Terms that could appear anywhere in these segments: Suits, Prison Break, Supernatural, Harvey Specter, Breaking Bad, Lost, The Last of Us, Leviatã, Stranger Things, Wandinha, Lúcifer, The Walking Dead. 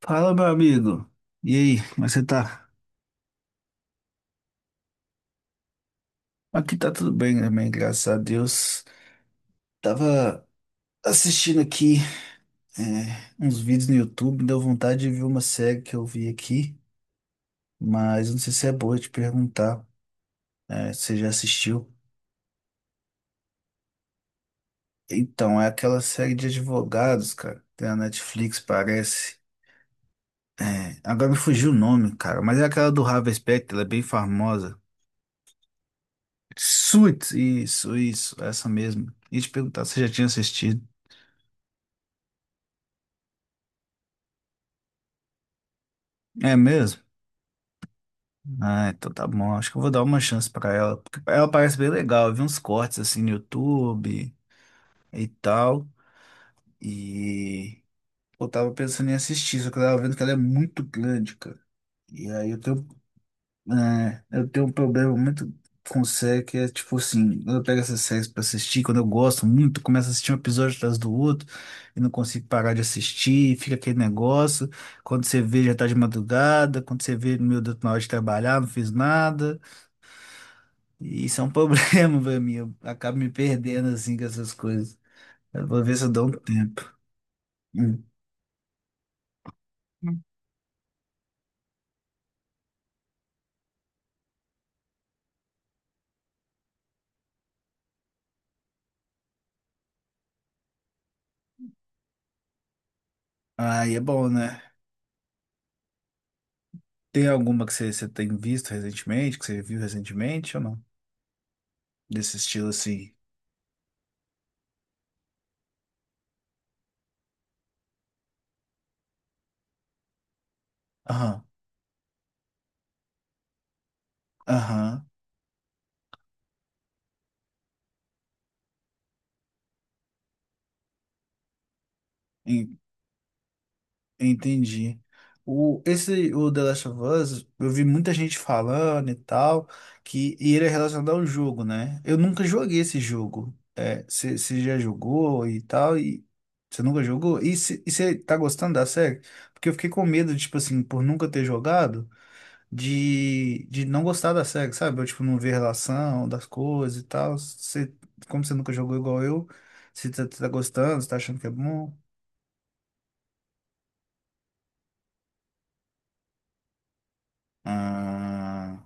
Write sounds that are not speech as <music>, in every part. Fala, meu amigo. E aí, como é que você tá? Aqui tá tudo bem também, graças a Deus. Tava assistindo aqui uns vídeos no YouTube, deu vontade de ver uma série que eu vi aqui, mas não sei se é boa te perguntar se você já assistiu. Então, é aquela série de advogados, cara, tem na Netflix, parece. Agora me fugiu o nome, cara, mas é aquela do Harvey Specter, ela é bem famosa. Suits, isso, essa mesmo. E te perguntar se você já tinha assistido. É mesmo? Ah, então tá bom. Acho que eu vou dar uma chance pra ela. Porque ela parece bem legal. Eu vi uns cortes assim no YouTube e tal. E eu tava pensando em assistir, só que eu tava vendo que ela é muito grande, cara. E aí eu tenho um problema muito com série que é tipo assim, quando eu pego essas séries pra assistir, quando eu gosto muito, eu começo a assistir um episódio atrás do outro e não consigo parar de assistir, e fica aquele negócio. Quando você vê, já tá de madrugada, quando você vê, meu Deus, na hora de trabalhar, não fiz nada. E isso é um problema <laughs> pra mim. Eu acabo me perdendo assim com essas coisas. Eu vou ver se eu dou um tempo. Hum. Aí é bom, né? Tem alguma que você tem visto recentemente, que você viu recentemente ou não? Desse estilo assim. Aham, aham. Entendi. O The Last of Us, eu vi muita gente falando e tal, que e ele é relacionado ao jogo, né? Eu nunca joguei esse jogo. É, você já jogou e tal, e você nunca jogou? E você tá gostando da série? Porque eu fiquei com medo, tipo assim, por nunca ter jogado, de não gostar da série, sabe? Eu, tipo, não ver relação das coisas e tal. Cê, como você nunca jogou igual eu, você tá gostando, você tá achando que é bom? Ah,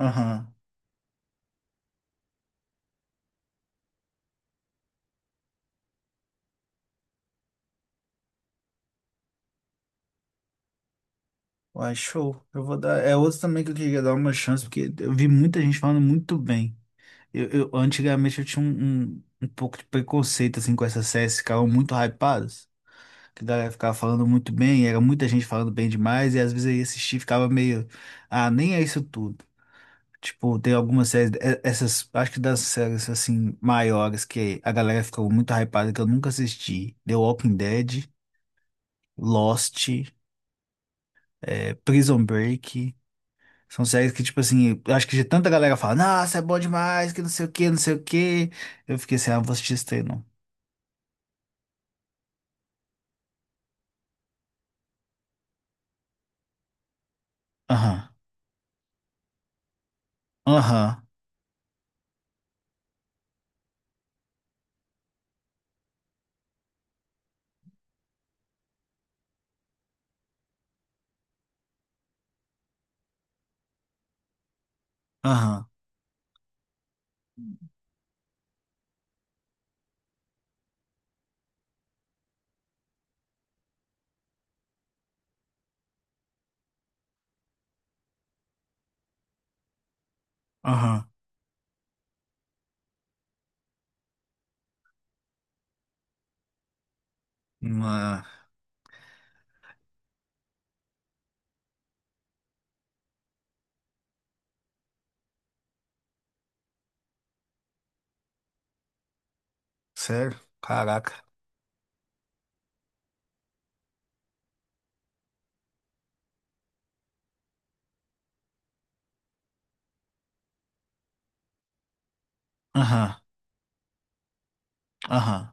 aham. Uai, show. Eu vou dar. É outro também que eu queria dar uma chance, porque eu vi muita gente falando muito bem. Antigamente eu tinha um pouco de preconceito assim com essas séries que ficavam muito hypadas, que a galera ficava falando muito bem, era muita gente falando bem demais, e às vezes eu ia assistir e ficava meio, ah, nem é isso tudo. Tipo, tem algumas séries, essas, acho que das séries assim maiores que a galera ficou muito hypada que eu nunca assisti. The Walking Dead, Lost, Prison Break. São séries que, tipo assim, eu acho que de tanta galera fala, nossa, é bom demais, que não sei o que, não sei o que. Eu fiquei assim, ah, não vou assistir isso daí, não. Aham, aham, aham, aham. Mano, sério? Caraca. Aham, aham.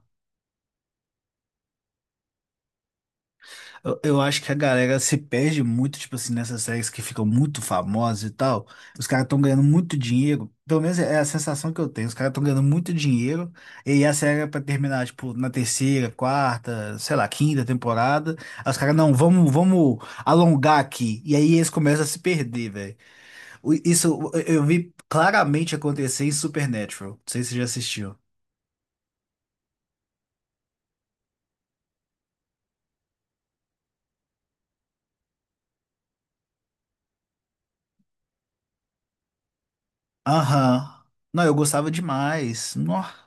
Eu acho que a galera se perde muito, tipo assim, nessas séries que ficam muito famosas e tal. Os caras estão ganhando muito dinheiro. Pelo menos é a sensação que eu tenho. Os caras estão ganhando muito dinheiro. E aí a série é pra terminar, tipo, na terceira, quarta, sei lá, quinta temporada. Aí os caras, não, vamos alongar aqui. E aí eles começam a se perder, velho. Isso eu vi claramente acontecer em Supernatural. Não sei se você já assistiu. Aham. Não, eu gostava demais. Nossa.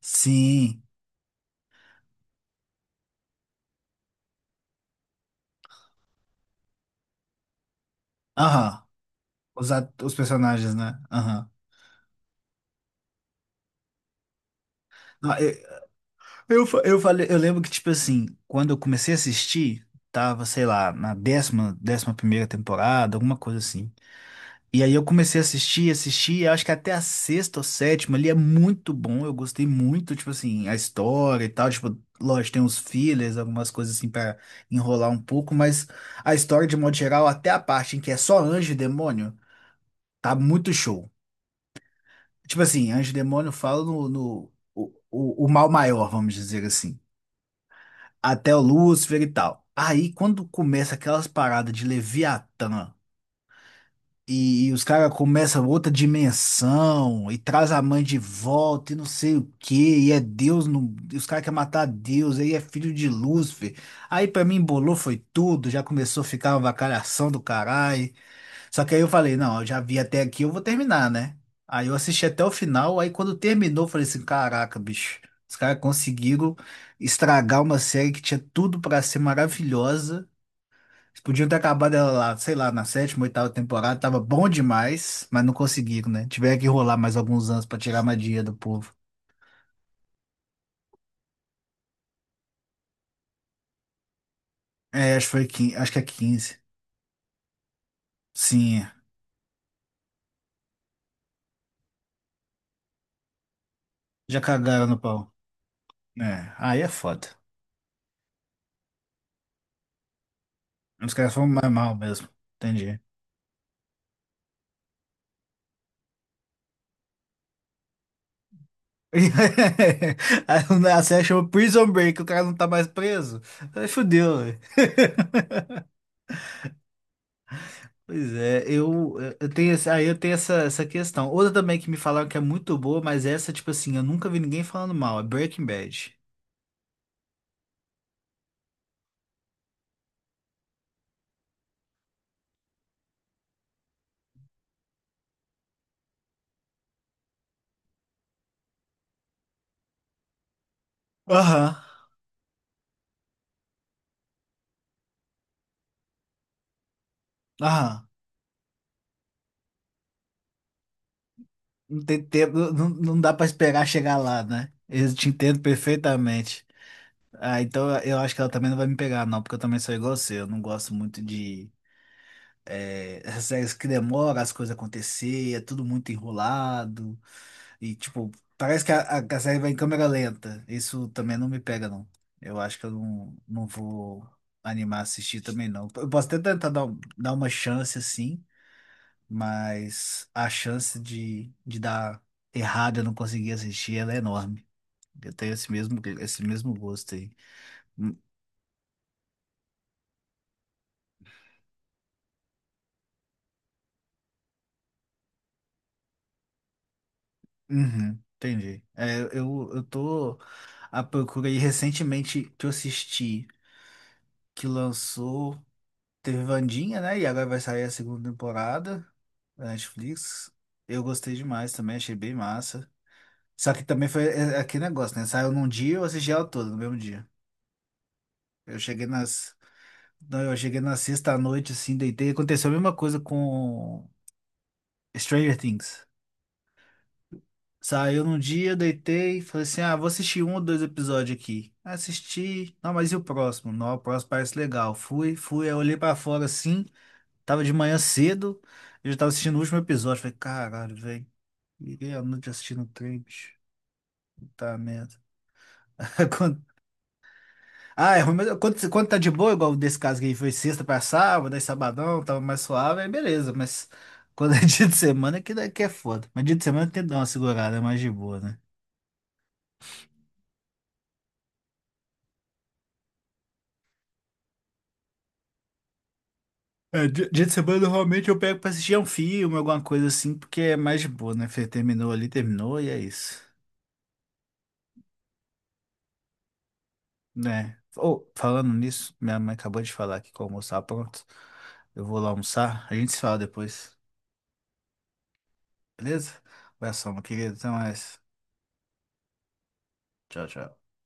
Sim. Aham. Os personagens, né? Aham. Não, eu falei, eu lembro que, tipo assim, quando eu comecei a assistir, tava, sei lá, na 10ª, 11ª temporada, alguma coisa assim. E aí eu comecei a assistir, assistir, e acho que até a sexta ou sétima ali é muito bom. Eu gostei muito, tipo assim, a história e tal. Tipo, lógico, tem uns fillers, algumas coisas assim pra enrolar um pouco, mas a história, de modo geral, até a parte em que é só anjo e demônio, tá muito show. Tipo assim, anjo e demônio falam no, no o mal maior, vamos dizer assim. Até o Lúcifer e tal. Aí, quando começa aquelas paradas de Leviatã e os caras começam outra dimensão e traz a mãe de volta e não sei o quê, e é Deus, no, e os caras querem matar Deus, aí é filho de Lúcifer. Aí pra mim embolou foi tudo, já começou a ficar uma avacalhação do caralho. Só que aí eu falei, não, eu já vi até aqui, eu vou terminar, né? Aí eu assisti até o final, aí quando terminou, eu falei assim, caraca, bicho, os caras conseguiram estragar uma série que tinha tudo pra ser maravilhosa. Eles podiam ter acabado ela lá, sei lá, na sétima, oitava temporada, tava bom demais, mas não conseguiram, né? Tiveram que rolar mais alguns anos pra tirar a madia do povo. É, acho que foi, acho que é 15. Sim, é. Já cagaram no pau. É, aí é foda. Os caras foram mais mal mesmo. Entendi. <laughs> A série chama Prison Break, o cara não tá mais preso. Aí fudeu, velho. Pois é, eu tenho essa questão. Outra também que me falaram que é muito boa, mas essa, tipo assim, eu nunca vi ninguém falando mal, é Breaking Bad. Aham, aham. Não tem tempo, não, não dá pra esperar chegar lá, né? Eu te entendo perfeitamente. Ah, então eu acho que ela também não vai me pegar, não, porque eu também sou igual você, eu não gosto muito de, essas séries que demoram as coisas acontecer, é tudo muito enrolado. E, tipo, parece que a série vai em câmera lenta. Isso também não me pega, não. Eu acho que eu não vou animar a assistir também, não. Eu posso até tentar dar uma chance, assim, mas a chance de dar errado e eu não conseguir assistir, ela é enorme. Eu tenho esse mesmo gosto aí. Hum, Uhum, entendi. É, eu tô à procura aí recentemente que eu assisti, que lançou. Teve Wandinha, né? E agora vai sair a segunda temporada da Netflix. Eu gostei demais também, achei bem massa. Só que também foi é aquele negócio, né? Saiu num dia, e eu assisti ela toda no mesmo dia. Eu cheguei nas. Não, Eu cheguei na sexta à noite, assim, deitei. Aconteceu a mesma coisa com Stranger Things. Saiu num dia, eu deitei, falei assim: ah, vou assistir um ou dois episódios aqui. Assisti. Não, mas e o próximo? Não, o próximo parece legal. Fui, fui, aí eu olhei pra fora assim. Tava de manhã cedo, eu já tava assistindo o último episódio. Falei, caralho, velho. Liguei a noite assistindo o trem, bicho. Puta merda. <laughs> Quando- Ah, é ruim, mas quando tá de boa, igual desse caso que aí foi sexta pra sábado, aí sabadão, tava mais suave, aí beleza. Mas quando é <laughs> dia de semana, é que daqui é foda. Mas dia de semana tem que dar uma segurada, é mais de boa, né? É, dia de semana normalmente eu pego pra assistir um filme, alguma coisa assim, porque é mais de boa, né? Falei, terminou ali, terminou e é isso. Né? Ou, falando nisso, minha mãe acabou de falar aqui que o almoço tá pronto. Eu vou lá almoçar. A gente se fala depois, beleza? Abração, meu querido. Até mais. Tchau, tchau.